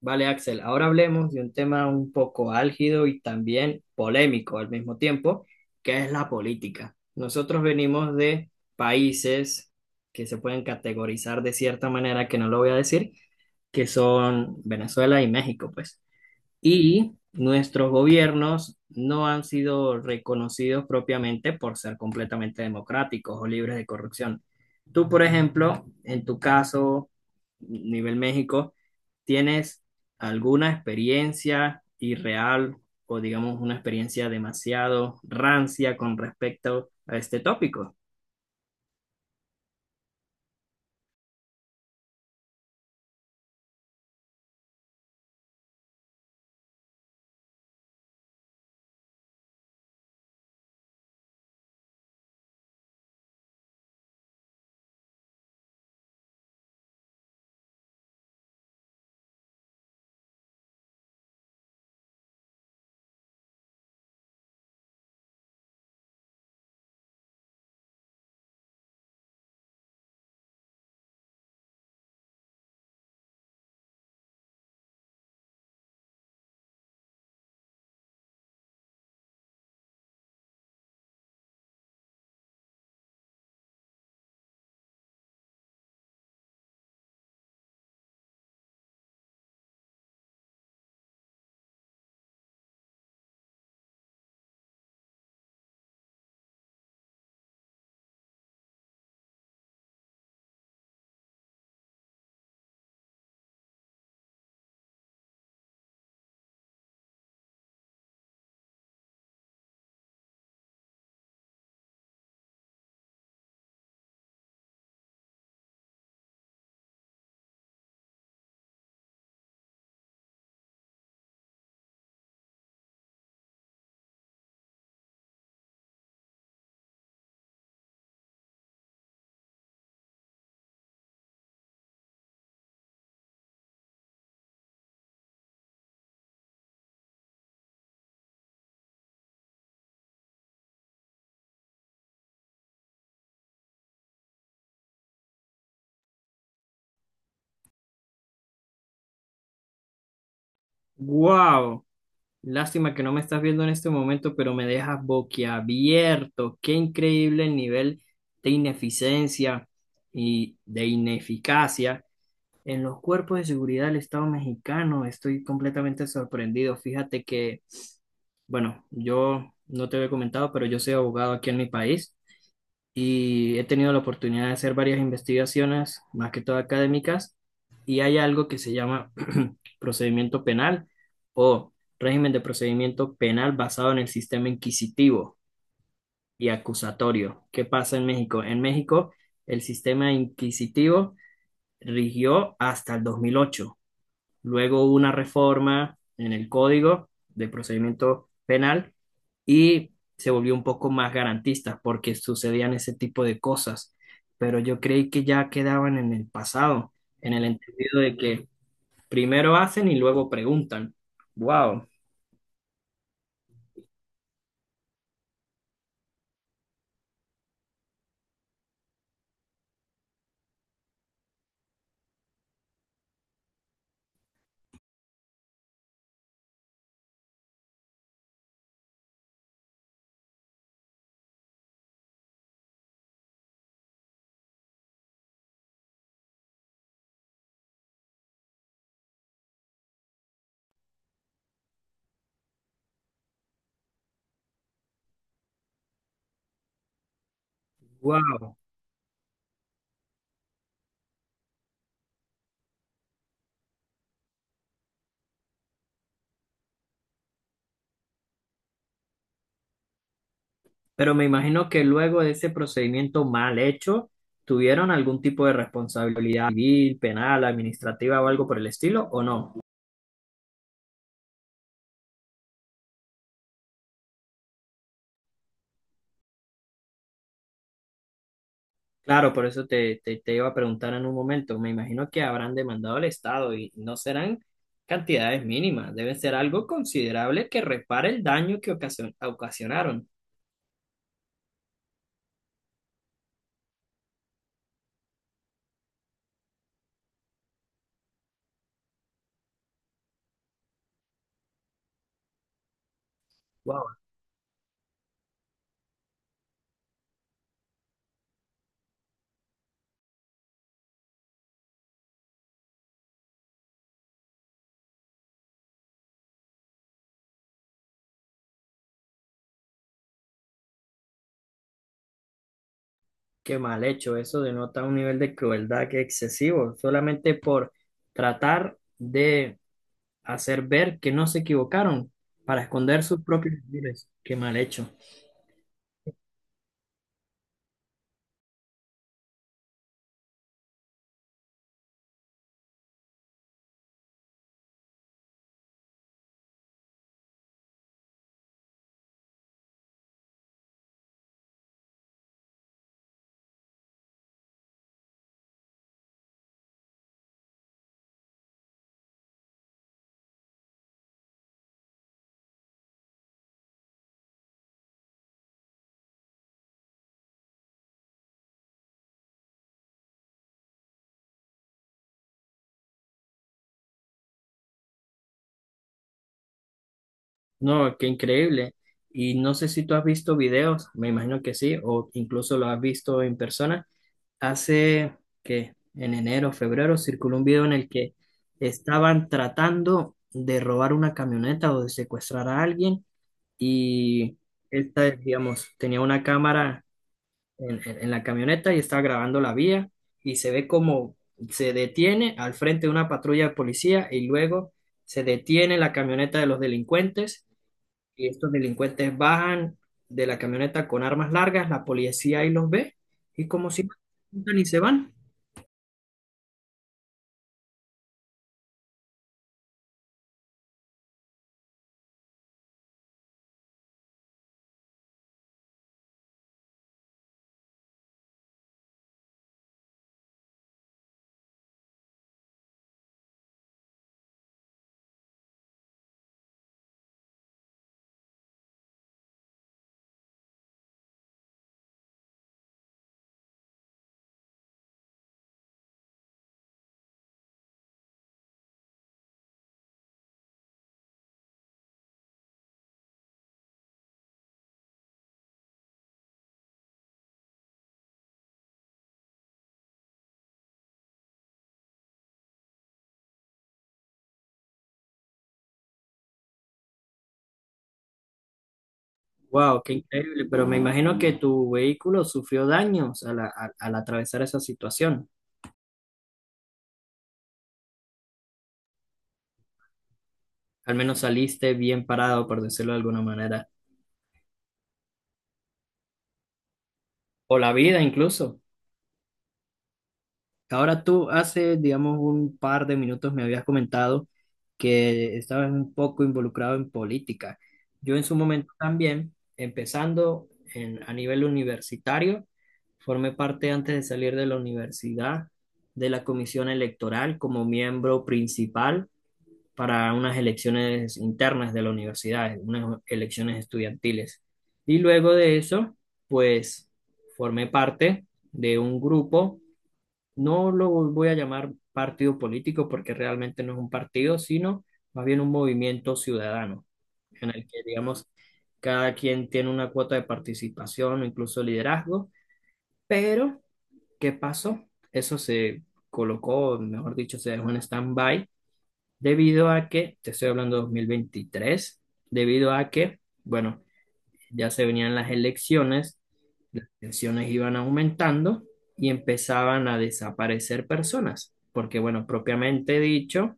Vale, Axel, ahora hablemos de un tema un poco álgido y también polémico al mismo tiempo, que es la política. Nosotros venimos de países que se pueden categorizar de cierta manera, que no lo voy a decir, que son Venezuela y México, pues y nuestros gobiernos no han sido reconocidos propiamente por ser completamente democráticos o libres de corrupción. Tú, por ejemplo, en tu caso, nivel México, ¿tienes alguna experiencia irreal o digamos una experiencia demasiado rancia con respecto a este tópico? ¡Wow! Lástima que no me estás viendo en este momento, pero me dejas boquiabierto. Qué increíble el nivel de ineficiencia y de ineficacia en los cuerpos de seguridad del Estado mexicano. Estoy completamente sorprendido. Fíjate que, bueno, yo no te había comentado, pero yo soy abogado aquí en mi país y he tenido la oportunidad de hacer varias investigaciones, más que todo académicas, y hay algo que se llama procedimiento penal o régimen de procedimiento penal basado en el sistema inquisitivo y acusatorio. ¿Qué pasa en México? En México, el sistema inquisitivo rigió hasta el 2008. Luego hubo una reforma en el Código de Procedimiento Penal y se volvió un poco más garantista porque sucedían ese tipo de cosas, pero yo creí que ya quedaban en el pasado, en el entendido de que primero hacen y luego preguntan. Wow, wow. Pero me imagino que luego de ese procedimiento mal hecho, ¿tuvieron algún tipo de responsabilidad civil, penal, administrativa o algo por el estilo o no? Claro, por eso te iba a preguntar en un momento. Me imagino que habrán demandado al Estado y no serán cantidades mínimas, deben ser algo considerable que repare el daño que ocasionaron. Wow, qué mal hecho. Eso denota un nivel de crueldad que excesivo, solamente por tratar de hacer ver que no se equivocaron para esconder sus propios errores. Qué mal hecho. No, qué increíble. Y no sé si tú has visto videos, me imagino que sí, o incluso lo has visto en persona hace que en enero, febrero, circuló un video en el que estaban tratando de robar una camioneta o de secuestrar a alguien y esta, digamos, tenía una cámara en la camioneta y estaba grabando la vía y se ve como se detiene al frente de una patrulla de policía y luego se detiene la camioneta de los delincuentes y estos delincuentes bajan de la camioneta con armas largas, la policía ahí los ve y como si no se preguntan y se van. Wow, qué increíble, pero me imagino que tu vehículo sufrió daños al atravesar esa situación. Al menos saliste bien parado, por decirlo de alguna manera, o la vida incluso. Ahora tú hace, digamos, un par de minutos me habías comentado que estabas un poco involucrado en política. Yo en su momento también, empezando a nivel universitario, formé parte antes de salir de la universidad de la comisión electoral como miembro principal para unas elecciones internas de la universidad, unas elecciones estudiantiles. Y luego de eso, pues formé parte de un grupo, no lo voy a llamar partido político porque realmente no es un partido, sino más bien un movimiento ciudadano, en el que, digamos, cada quien tiene una cuota de participación o incluso liderazgo, pero ¿qué pasó? Eso se colocó, mejor dicho, se dejó en stand-by debido a que, te estoy hablando de 2023, debido a que, bueno, ya se venían las elecciones, las tensiones iban aumentando y empezaban a desaparecer personas, porque, bueno, propiamente dicho,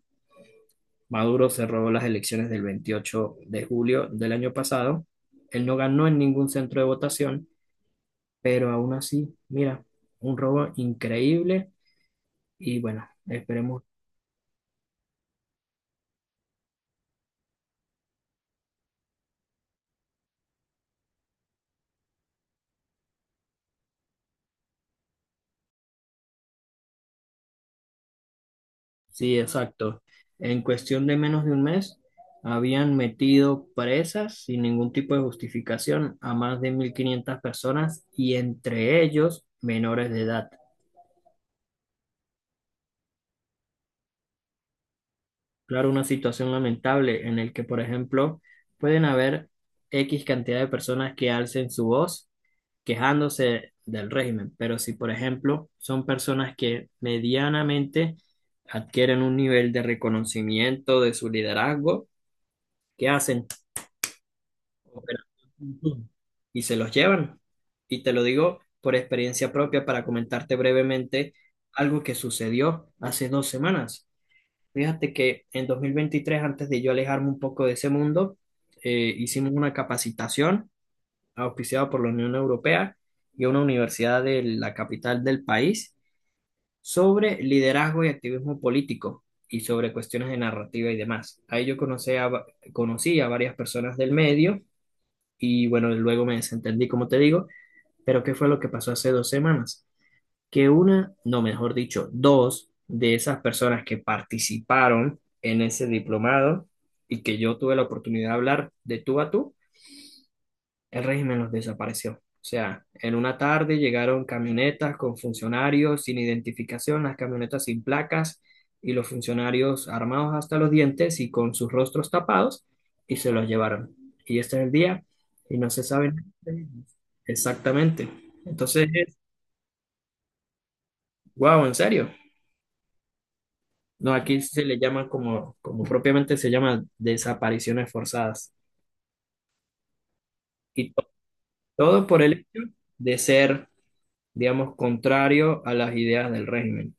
Maduro se robó las elecciones del 28 de julio del año pasado, él no ganó en ningún centro de votación, pero aún así, mira, un robo increíble y bueno, esperemos. Sí, exacto. En cuestión de menos de un mes, habían metido presas sin ningún tipo de justificación a más de 1.500 personas y entre ellos menores de edad. Claro, una situación lamentable en el que, por ejemplo, pueden haber X cantidad de personas que alcen su voz quejándose del régimen, pero si, por ejemplo, son personas que medianamente adquieren un nivel de reconocimiento de su liderazgo, ¿qué hacen? Operación Zoom. Y se los llevan. Y te lo digo por experiencia propia para comentarte brevemente algo que sucedió hace dos semanas. Fíjate que en 2023, antes de yo alejarme un poco de ese mundo, hicimos una capacitación auspiciada por la Unión Europea y una universidad de la capital del país sobre liderazgo y activismo político y sobre cuestiones de narrativa y demás. Ahí yo conocí conocí a varias personas del medio y bueno, luego me desentendí, como te digo, pero ¿qué fue lo que pasó hace dos semanas? Que una, no, mejor dicho, dos de esas personas que participaron en ese diplomado y que yo tuve la oportunidad de hablar de tú a tú, el régimen los desapareció. O sea, en una tarde llegaron camionetas con funcionarios sin identificación, las camionetas sin placas y los funcionarios armados hasta los dientes y con sus rostros tapados y se los llevaron. Y este es el día y no se sabe exactamente. Entonces, wow, en serio. No, aquí se le llama como, como propiamente se llama desapariciones forzadas. Y todo por el hecho de ser, digamos, contrario a las ideas del régimen.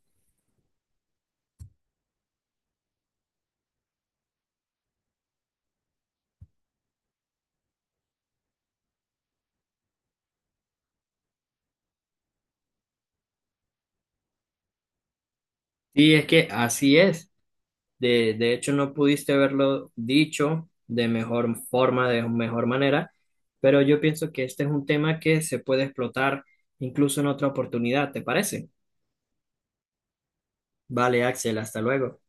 Sí, es que así es. De hecho, no pudiste haberlo dicho de mejor forma, de mejor manera, pero yo pienso que este es un tema que se puede explotar incluso en otra oportunidad, ¿te parece? Vale, Axel, hasta luego.